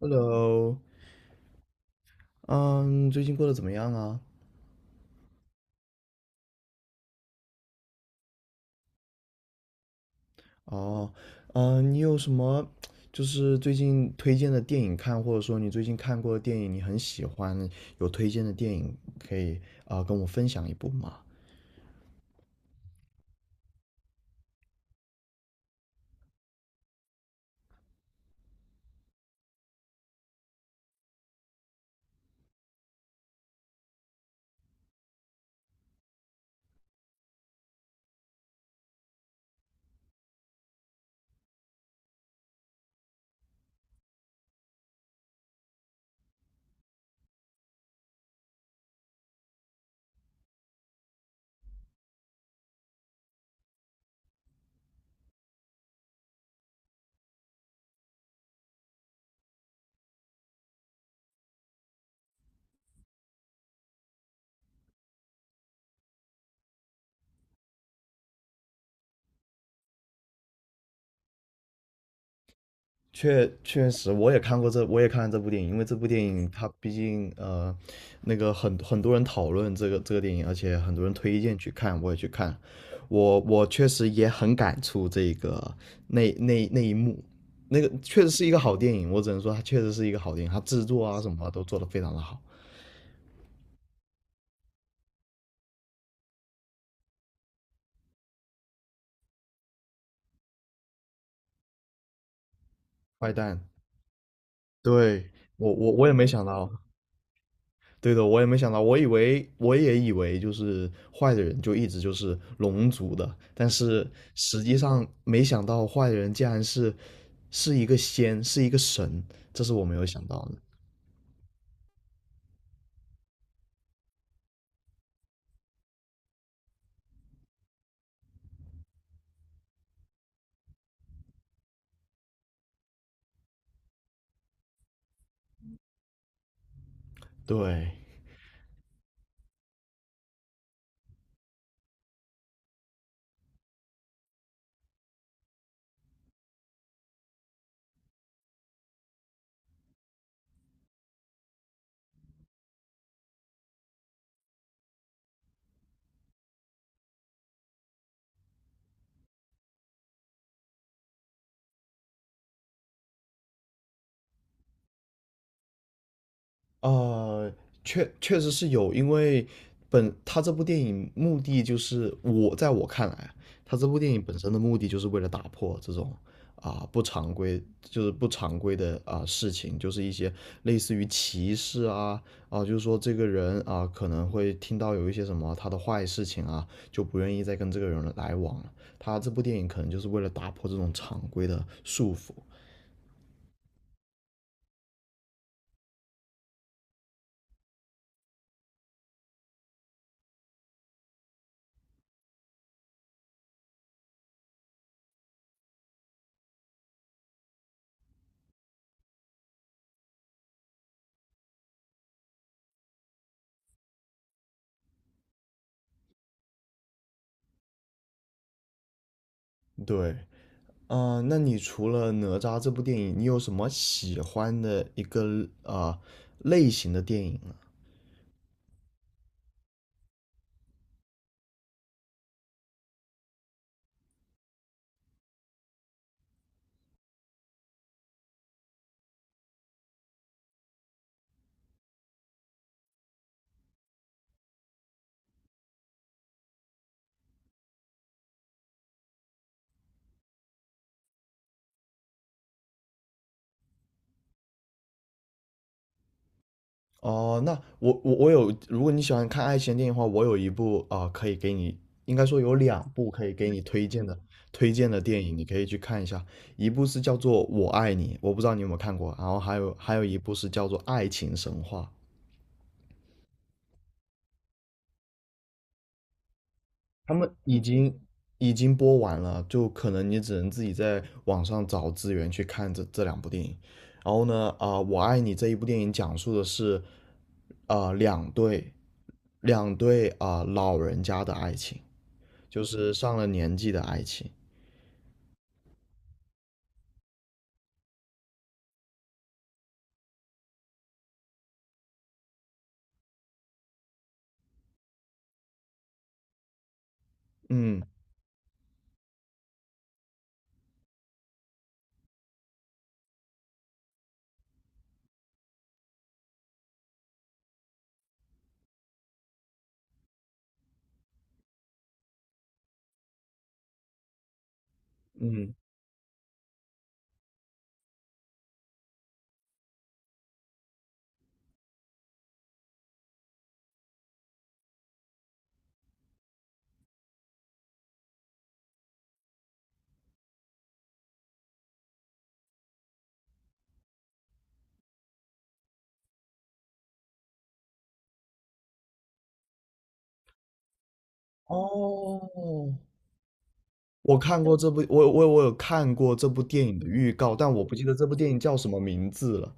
Hello，嗯，最近过得怎么样啊？哦，嗯，你有什么就是最近推荐的电影看，或者说你最近看过的电影你很喜欢，有推荐的电影可以啊，跟我分享一部吗？确确实，我也看过这，我也看了这部电影，因为这部电影它毕竟那个很多人讨论这个电影，而且很多人推荐去看，我也去看，我确实也很感触这个那一幕，那个确实是一个好电影，我只能说它确实是一个好电影，它制作啊什么都做得非常的好。坏蛋，对，我也没想到。对的，我也没想到，我以为我也以为就是坏的人就一直就是龙族的，但是实际上没想到坏的人竟然是是一个仙，是一个神，这是我没有想到的。对，呃，确确实是有，因为本他这部电影目的就是我在我看来，他这部电影本身的目的就是为了打破这种不常规，就是不常规的事情，就是一些类似于歧视啊就是说这个人啊、可能会听到有一些什么他的坏事情啊，就不愿意再跟这个人来往了。他这部电影可能就是为了打破这种常规的束缚。对。那你除了《哪吒》这部电影，你有什么喜欢的一个类型的电影呢？哦，那我有，如果你喜欢看爱情电影的话，我有一部可以给你，应该说有两部可以给你推荐的推荐的电影，你可以去看一下。一部是叫做《我爱你》，我不知道你有没有看过，然后还有一部是叫做《爱情神话》。他们已经已经播完了，就可能你只能自己在网上找资源去看这这两部电影。然后呢，我爱你这一部电影讲述的是，呃，两对老人家的爱情，就是上了年纪的爱情。嗯嗯，哦，我看过这部，我有看过这部电影的预告，但我不记得这部电影叫什么名字了。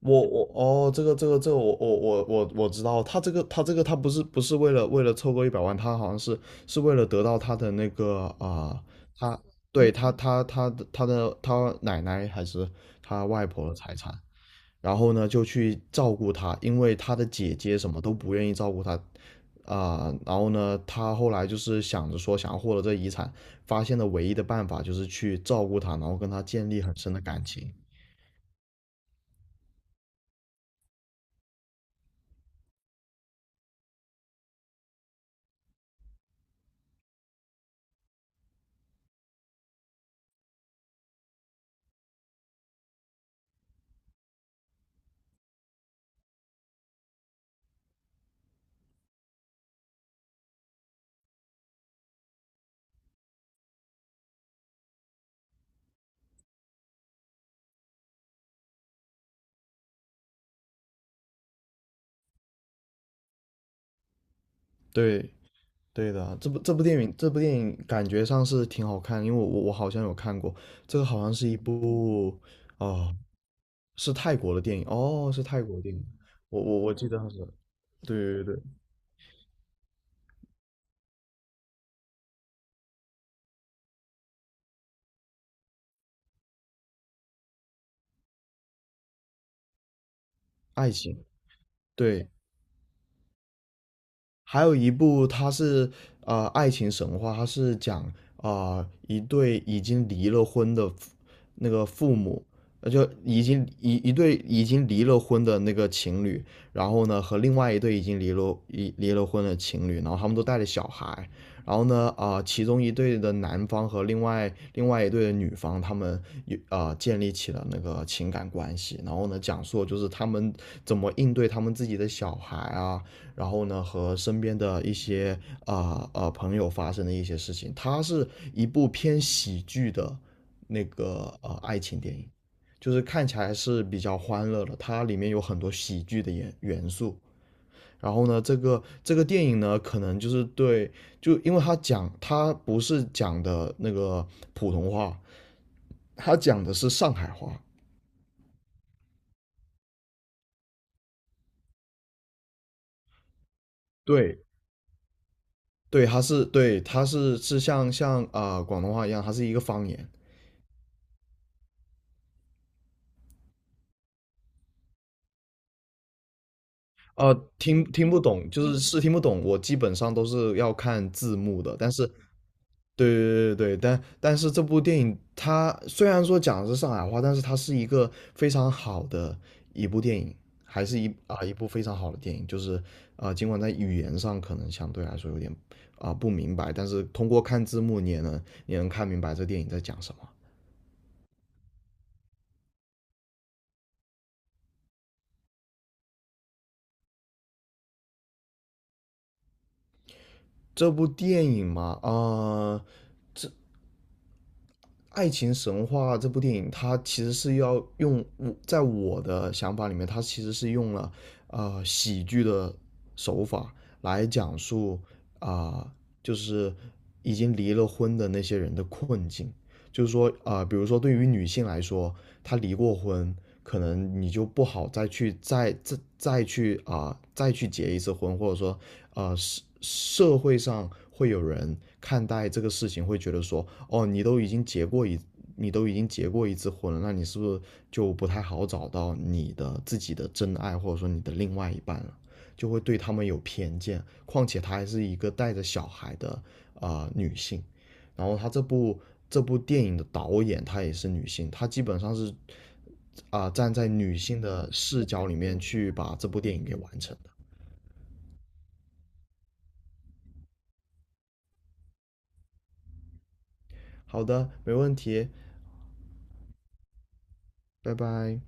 我哦，这个我知道，他这个他这个他不是不是为了为了凑够100万，他好像是是为了得到他的那个他对他他的他奶奶还是他外婆的财产，然后呢就去照顾他，因为他的姐姐什么都不愿意照顾他然后呢他后来就是想着说想要获得这遗产，发现的唯一的办法就是去照顾他，然后跟他建立很深的感情。对。对的，这部电影感觉上是挺好看，因为我好像有看过。这个好像是一部哦，是泰国的电影哦，是泰国的电影。我记得它是，对对对，爱情，对。还有一部它是爱情神话，它是讲一对已经离了婚的那个父母，就已经一一对已经离了婚的那个情侣，然后呢和另外一对已经离了婚的情侣，然后他们都带着小孩，然后呢其中一对的男方和另外一对的女方，他们有建立起了那个情感关系，然后呢讲述就是他们怎么应对他们自己的小孩啊。然后呢，和身边的一些朋友发生的一些事情，它是一部偏喜剧的那个爱情电影，就是看起来是比较欢乐的，它里面有很多喜剧的元素。然后呢，这个电影呢，可能就是对，就因为它讲它不是讲的那个普通话，它讲的是上海话。对对，它是对它是像广东话一样，它是一个方言。啊，听不懂，就是是听不懂，我基本上都是要看字幕的。但是，对，但但是这部电影它虽然说讲的是上海话，但是它是一个非常好的一部电影，还是一部非常好的电影。就是尽管在语言上可能相对来说有点不明白，但是通过看字幕你也能你能看明白这电影在讲什么。这部电影嘛，爱情神话》这部电影，它其实是要用我在我的想法里面，它其实是用了喜剧的手法来讲述啊、呃就是已经离了婚的那些人的困境。就是说啊，呃，比如说对于女性来说，她离过婚，可能你就不好再去再去再去结一次婚，或者说，呃，社会上会有人看待这个事情，会觉得说，哦，你都已经结过一，你都已经结过一次婚了，那你是不是就不太好找到你的自己的真爱，或者说你的另外一半了？就会对他们有偏见，况且她还是一个带着小孩的啊、呃女性，然后他这部电影的导演她也是女性，她基本上是站在女性的视角里面去把这部电影给完成的。好的，没问题，拜拜。